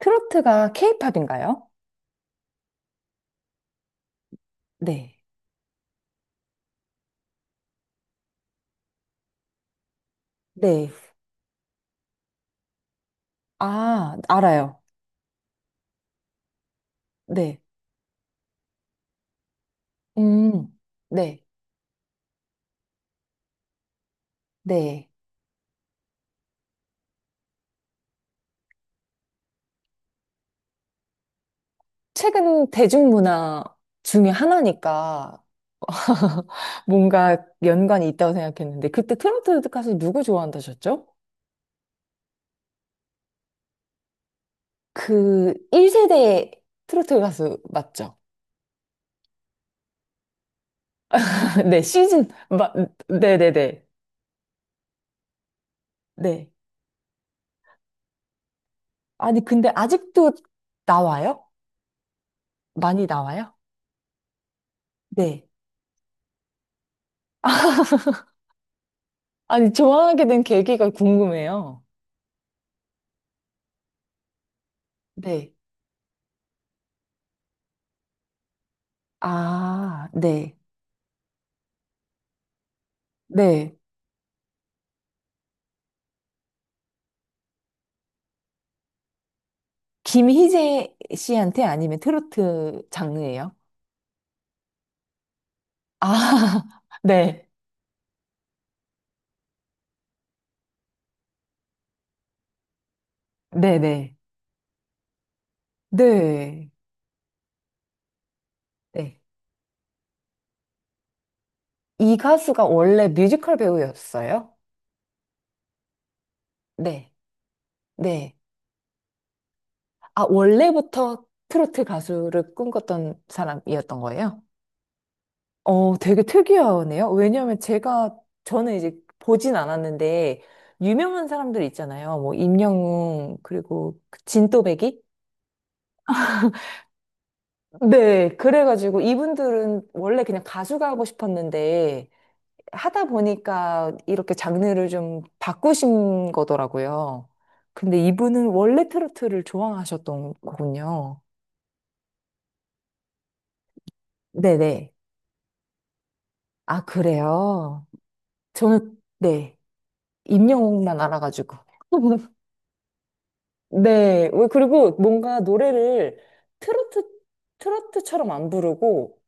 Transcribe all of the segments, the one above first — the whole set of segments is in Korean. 트로트가 케이팝인가요? 네, 네, 아, 알아요. 네. 음, 네, 네. 최근 대중문화 중에 하나니까 뭔가 연관이 있다고 생각했는데, 그때 트로트 가수 누구 좋아한다셨죠? 그 1세대 트로트 가수 맞죠? 네, 네네네. 네. 아니, 근데 아직도 나와요? 많이 나와요? 네. 아니, 좋아하게 된 계기가 궁금해요. 네. 아, 네. 네. 김희재 씨한테 아니면 트로트 장르예요? 아, 네. 네네. 네. 네. 이 가수가 원래 뮤지컬 배우였어요? 네. 네. 아, 원래부터 트로트 가수를 꿈꿨던 사람이었던 거예요? 어, 되게 특이하네요. 왜냐하면 저는 이제 보진 않았는데, 유명한 사람들 있잖아요. 뭐, 임영웅, 그리고 그 진또배기? 네, 그래가지고 이분들은 원래 그냥 가수가 하고 싶었는데 하다 보니까 이렇게 장르를 좀 바꾸신 거더라고요. 근데 이분은 원래 트로트를 좋아하셨던 거군요. 네네. 아, 그래요? 저는, 네. 임영웅만 알아가지고. 네. 왜, 그리고 뭔가 노래를 트로트, 트로트처럼 안 부르고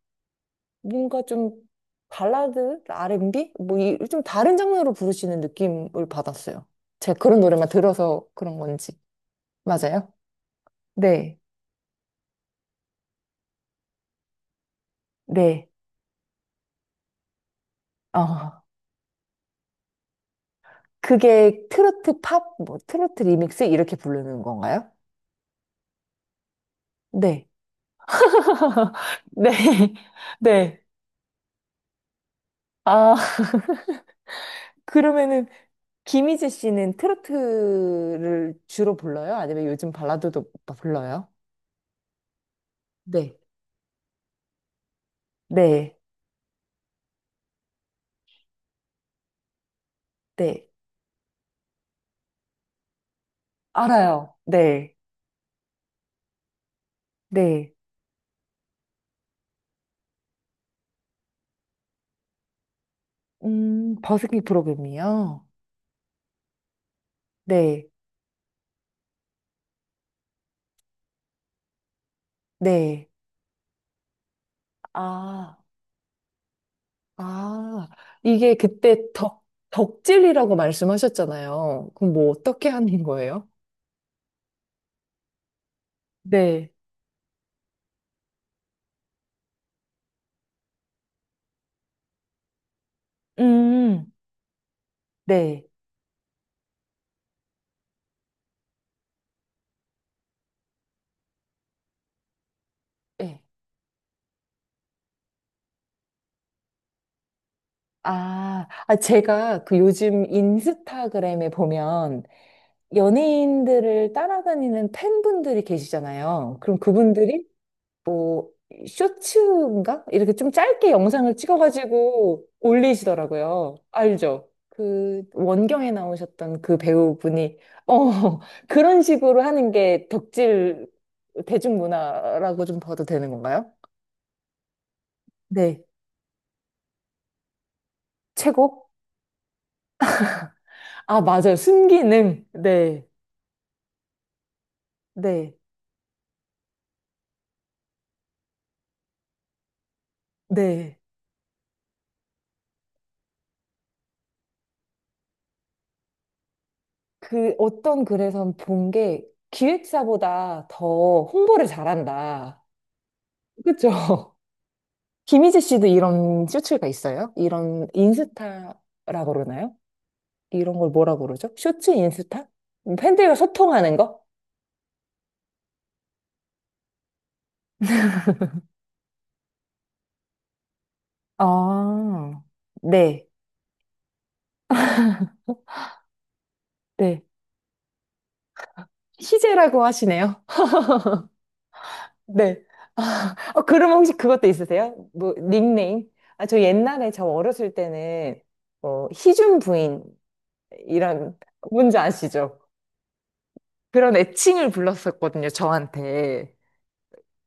뭔가 좀 발라드, R&B 뭐 이 좀 다른 장르로 부르시는 느낌을 받았어요. 제가 그런 노래만 들어서 그런 건지. 맞아요? 네. 네. 어. 그게 트로트 팝, 뭐 트로트 리믹스 이렇게 부르는 건가요? 네. 네. 네. 아, 그러면은 김희재 씨는 트로트를 주로 불러요? 아니면 요즘 발라드도 불러요? 네. 네. 네. 알아요. 네. 네. 버스킹 프로그램이요? 네, 네. 아, 아, 이게 그때 덕질이라고 말씀하셨잖아요. 그럼 뭐 어떻게 하는 거예요? 네. 음, 네. 예. 아, 아, 제가 그 요즘 인스타그램에 보면 연예인들을 따라다니는 팬분들이 계시잖아요. 그럼 그분들이 뭐 쇼츠인가? 이렇게 좀 짧게 영상을 찍어가지고 올리시더라고요. 알죠? 그 원경에 나오셨던 그 배우분이 어 그런 식으로 하는 게 덕질 대중문화라고 좀 봐도 되는 건가요? 네. 최고? 아, 맞아요. 순기능. 네. 네. 네. 그 어떤 글에선 본 게 기획사보다 더 홍보를 잘한다. 그쵸? 김희재 씨도 이런 쇼츠가 있어요? 이런 인스타라고 그러나요? 이런 걸 뭐라고 그러죠? 쇼츠 인스타? 팬들과 소통하는 거? 아, 네. 네. 희재라고 하시네요. 네. 아, 어, 그럼 혹시 그것도 있으세요? 뭐, 닉네임? 아, 저 옛날에 저 어렸을 때는, 뭐, 희준 부인, 이런, 뭔지 아시죠? 그런 애칭을 불렀었거든요, 저한테.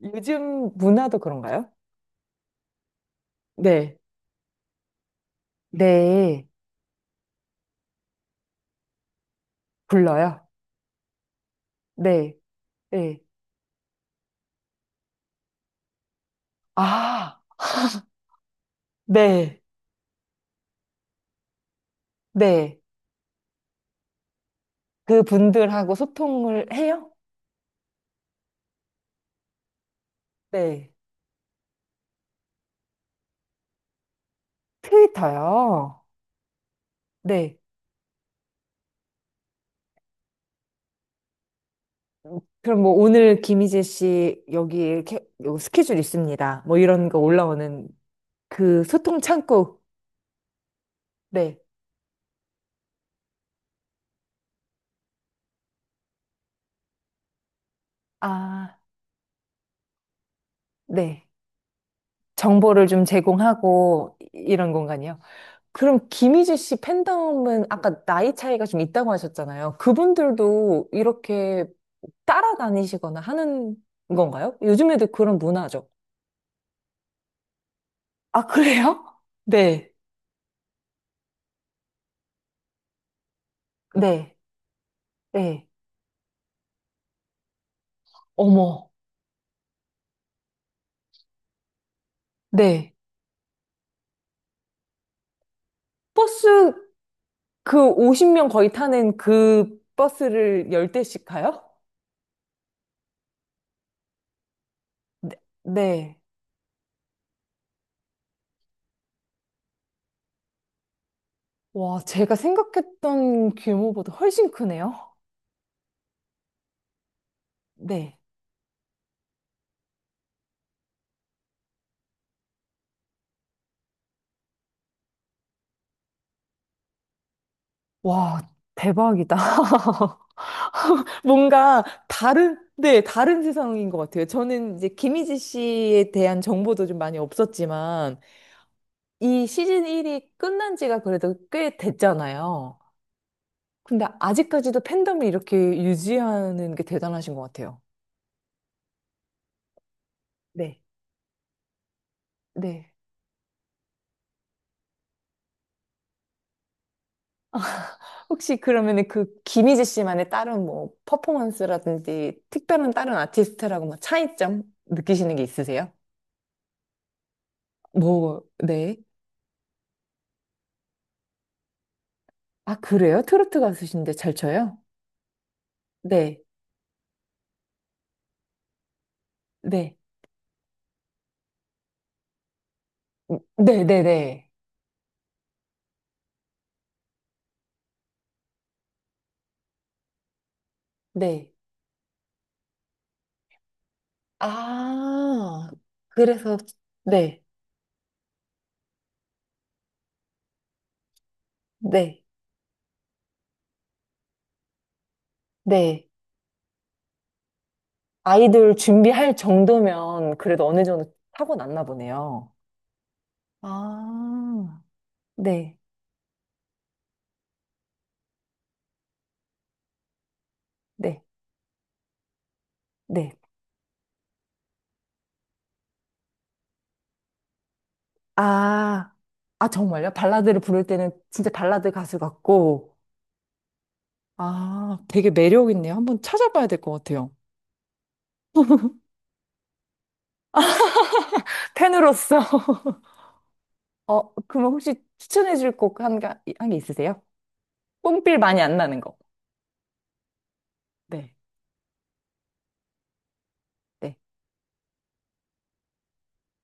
요즘 문화도 그런가요? 네. 네. 불러요? 네, 네. 아, 네, 네. 그 분들하고 소통을 해요? 네. 트위터요? 네. 그럼 뭐 오늘 김희재 씨 여기 이렇게 요 스케줄 있습니다. 뭐 이런 거 올라오는 그 소통 창구. 네. 아, 네. 정보를 좀 제공하고 이런 공간이요. 그럼 김희지 씨 팬덤은 아까 나이 차이가 좀 있다고 하셨잖아요. 그분들도 이렇게 따라다니시거나 하는 건가요? 요즘에도 그런 문화죠. 아, 그래요? 네. 네, 네, 어머. 네. 버스 그 50명 거의 타는 그 버스를 10대씩 가요? 네, 네, 와, 제가 생각했던 규모보다 훨씬 크네요. 네. 와, 대박이다. 뭔가 다른, 네, 다른 세상인 것 같아요. 저는 이제 김희지 씨에 대한 정보도 좀 많이 없었지만, 이 시즌 1이 끝난 지가 그래도 꽤 됐잖아요. 근데 아직까지도 팬덤을 이렇게 유지하는 게 대단하신 것 같아요. 네. 네. 혹시 그러면 그 김희지 씨만의 다른 뭐 퍼포먼스라든지 특별한 다른 아티스트라고 뭐 차이점 느끼시는 게 있으세요? 뭐, 네. 아, 그래요? 트로트 가수신데 잘 쳐요? 네. 네. 네네네. 네. 아, 그래서, 네, 네, 네. 아이들 준비할 정도면 그래도 어느 정도 타고났나 보네요. 아, 네, 네, 네. 아, 아, 정말요? 발라드를 부를 때는 진짜 발라드 가수 같고, 아, 되게 매력 있네요. 한번 찾아봐야 될 것 같아요. 팬으로서, 어, 그럼 혹시 추천해 줄 곡 한 게 있으세요? 뽕필 많이 안 나는 거. 네 네.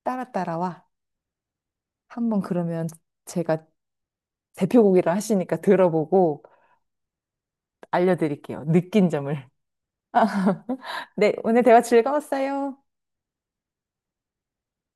따라 따라와. 한번 그러면 제가 대표곡이라 하시니까 들어보고 알려드릴게요. 느낀 점을. 네, 오늘 대화 즐거웠어요.